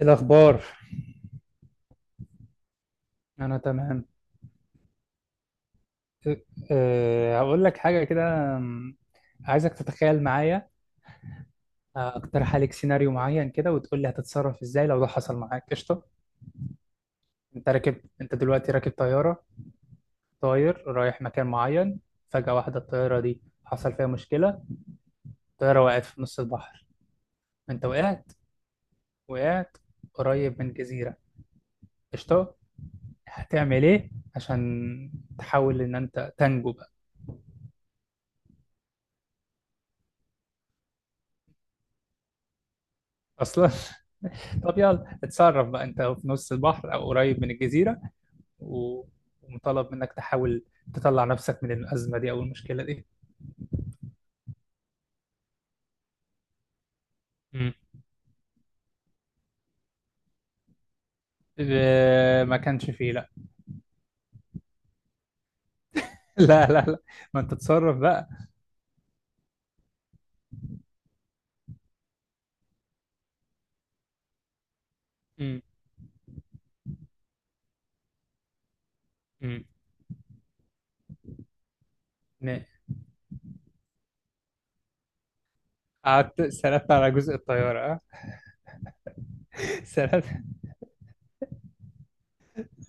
إيه الأخبار؟ أنا تمام. إيه، هقول لك حاجة كده. أم، عايزك تتخيل معايا. أقترح عليك سيناريو معين كده، وتقول لي هتتصرف إزاي لو ده حصل معاك. قشطة. أنت دلوقتي راكب طيارة، طاير رايح مكان معين. فجأة واحدة الطيارة دي حصل فيها مشكلة. الطيارة وقعت في نص البحر. أنت وقعت، وقعت قريب من جزيرة. قشطة. هتعمل إيه عشان تحاول إن أنت تنجو بقى؟ أصلا. طب يلا اتصرف بقى، انت في نص البحر او قريب من الجزيرة. و- ومطالب منك تحاول تطلع نفسك من الأزمة دي او المشكلة دي. مم. اه، ما كانش فيه لا. لا لا لا، ما انت تتصرف بقى. مم. مم. ن- قعدت سردت على جزء الطيارة، اه. سردت.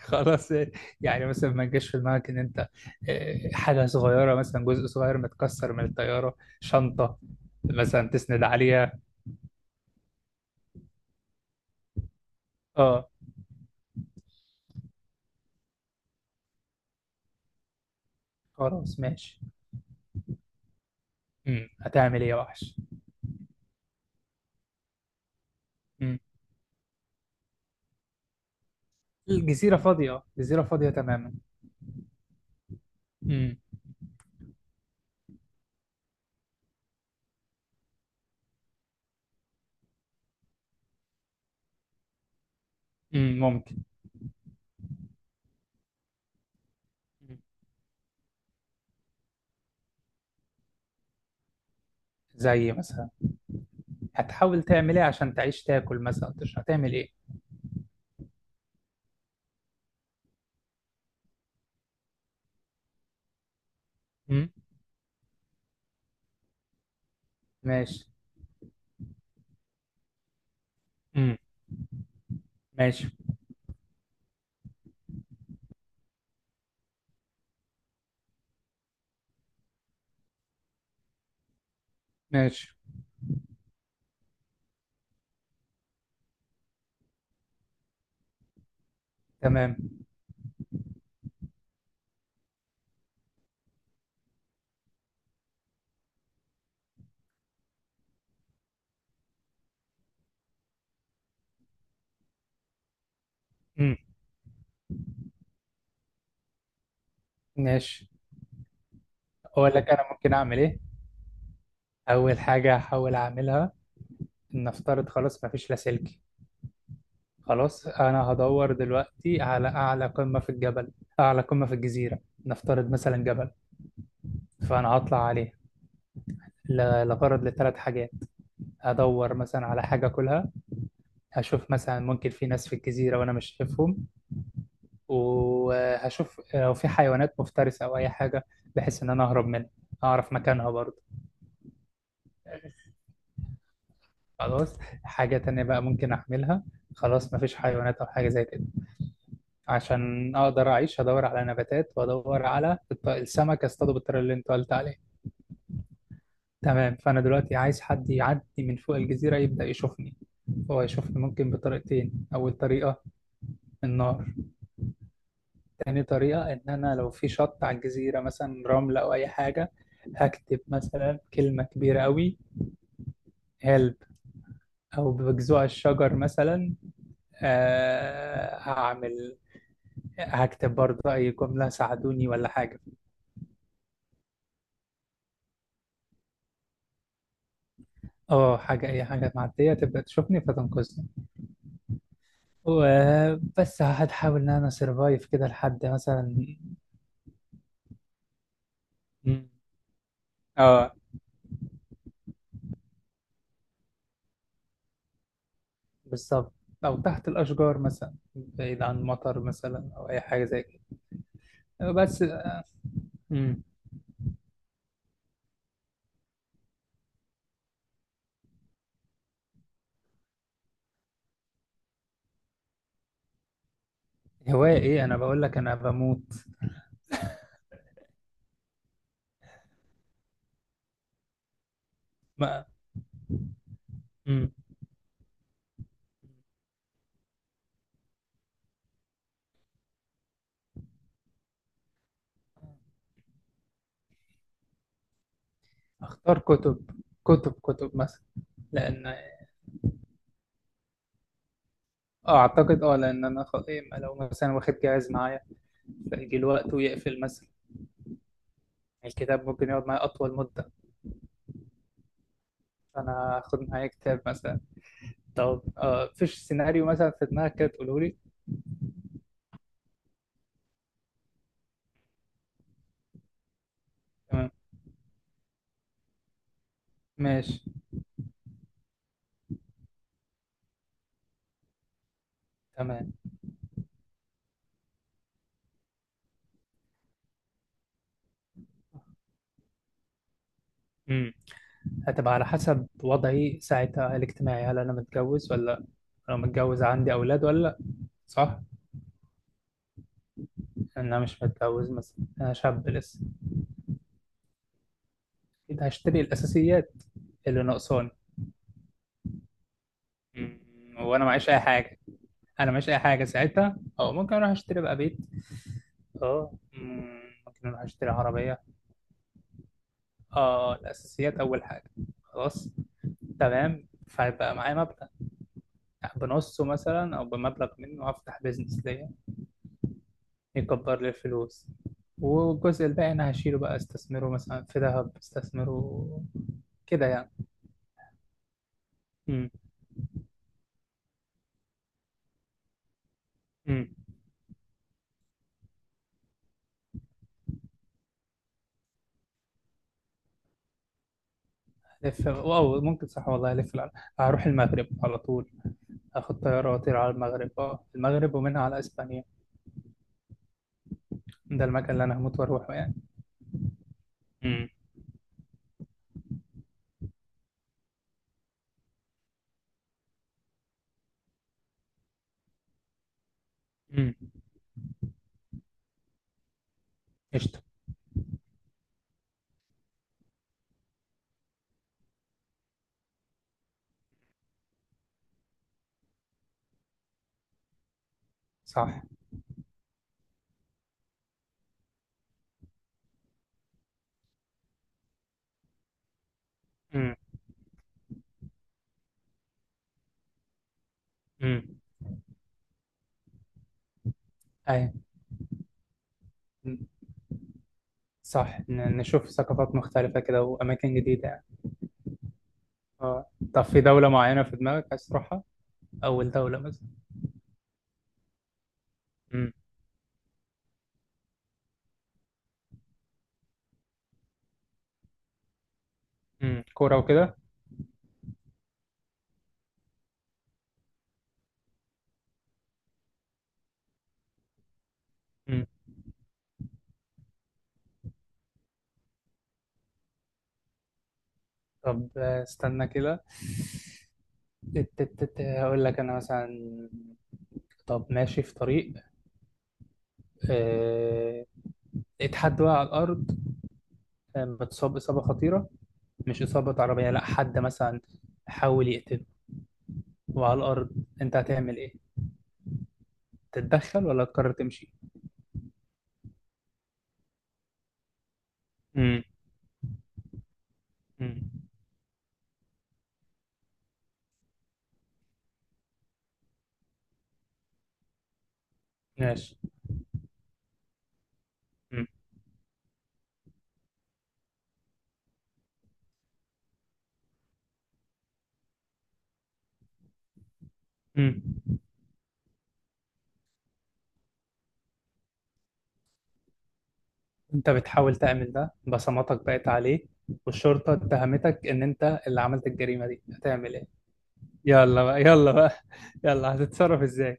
خلاص، اه، يعني مثلا ما جاش في دماغك ان انت اه، حاجة صغيرة مثلا جزء صغير متكسر من الطيارة، شنطة مثلا تسند عليها. اه. خلاص ماشي. مم. هتعمل ايه يا وحش؟ الجزيرة فاضية، جزيرة فاضية تماما. امم. ممكن. زي مثلا. هتحاول تعمل ايه عشان تعيش؟ تاكل مثلا، تشرب؟ هتعمل ايه؟ مم. ماشي. مم. ماشي. ماشي. تمام. مم. ماشي. اقول لك انا ممكن اعمل ايه. اول حاجة هحاول اعملها ان افترض خلاص مفيش لاسلكي. خلاص، انا هدور دلوقتي على اعلى قمة في الجبل، اعلى قمة في الجزيرة، نفترض مثلا جبل. فانا هطلع عليه لغرض لثلاث حاجات. هدور مثلا على حاجة كلها. هشوف مثلا ممكن في ناس في الجزيرة وأنا مش شايفهم، وهشوف لو في حيوانات مفترسة أو أي حاجة بحيث إن أنا أهرب منها، أعرف مكانها برضه. خلاص. حاجة تانية بقى ممكن أعملها، خلاص مفيش حيوانات أو حاجة زي كده، عشان أقدر أعيش هدور على نباتات وأدور على السمك أصطاده بالطريقة اللي أنت قلت عليها. تمام، فأنا دلوقتي عايز حد يعدي من فوق الجزيرة يبدأ يشوفني. هو يشوفني ممكن بطريقتين، أول طريقة النار. تاني طريقة، إن أنا لو في شط على الجزيرة مثلا، رملة أو أي حاجة، هكتب مثلا كلمة كبيرة أوي. هلب، أو بجذوع الشجر مثلا. آه هعمل هكتب برضه أي جملة ساعدوني ولا حاجة. أه حاجة أي حاجة معدية تبدأ تشوفني فتنقذني. وبس هحاول إن أنا سرفايف كده لحد مثلا. مم. أه، بالظبط، أو تحت الأشجار مثلا بعيد عن مطر مثلا أو أي حاجة زي كده بس. مم. هواية ايه؟ انا بقول لك انا بموت. ما. مم. اختار كتب. كتب، كتب مثلا. لان اه اعتقد لان انا خ... إيه لو مثلا واخد جهاز معايا فيجي الوقت ويقفل مثلا، الكتاب ممكن يقعد معايا اطول مدة. فانا هاخد معايا كتاب مثلا. طب، فيش سيناريو مثلا في دماغك كده تقوله لي؟ تمام. ماشي. تمام. مم. هتبقى على حسب وضعي ساعتها الاجتماعي، هل انا متجوز ولا لأ؟ لو متجوز عندي اولاد ولا لأ؟ صح. إن انا مش متجوز مثلا، انا شاب لسه. اكيد هشتري الاساسيات اللي ناقصاني. وانا معيش اي حاجه. انا معيش اي حاجه ساعتها، او ممكن اروح اشتري بقى بيت. اه. ممكن اروح اشتري عربيه. اه، الاساسيات اول حاجه. خلاص. تمام، فيبقى معايا مبلغ. يعني بنصه مثلا او بمبلغ منه هفتح بيزنس ليا يكبر لي الفلوس. والجزء الباقي انا هشيله بقى استثمره مثلا في ذهب، استثمره كده يعني. مم. لف، واو، ممكن صح والله الف العالم. هروح المغرب على طول. اخد طياره واطير على المغرب، المغرب ومنها على اسبانيا. ده المكان اللي انا هموت واروحه يعني. امم. امم. قشطه. صح. امم. امم. ايوه. مم. صح، نشوف ثقافات مختلفه كده واماكن جديده يعني. اه. طب في دوله معينه في دماغك عايز تروحها؟ اول دوله مثلا؟ امم. كوره وكده. امم. طب، استنى كده. هقول لك انا مثلا. طب، ماشي في طريق، آه، اتحد وقع على الأرض. اتصاب إصابة خطيرة. مش إصابة عربية، لأ، حد مثلا حاول يقتله وعلى الأرض. أنت هتعمل إيه؟ تتدخل ولا تقرر تمشي؟ امم. امم. ماشي. امم. امم. أنت بتحاول تعمل ده، بصماتك بقت عليه والشرطة اتهمتك إن أنت اللي عملت الجريمة دي، هتعمل إيه؟ يلا بقى، يلا بقى، يلا هتتصرف إزاي؟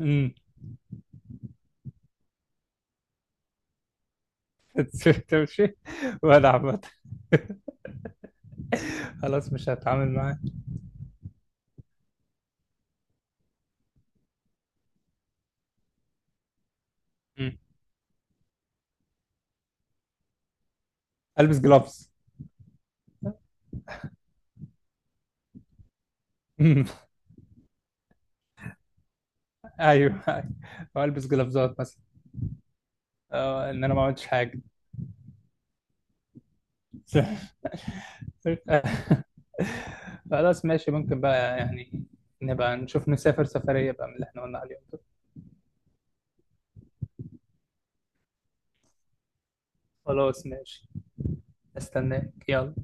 امم. تمشي ولا عبط؟ خلاص مش هتعامل معاه. مم. ألبس جلافز. أمم. ايوه، أيوة. والبس جلافزات مثلا، ان انا ما عملتش حاجه. خلاص ماشي، ممكن بقى يعني نبقى نشوف نسافر سفريه بقى من اللي احنا قلنا عليهم دول. خلاص ماشي. استناك يلا.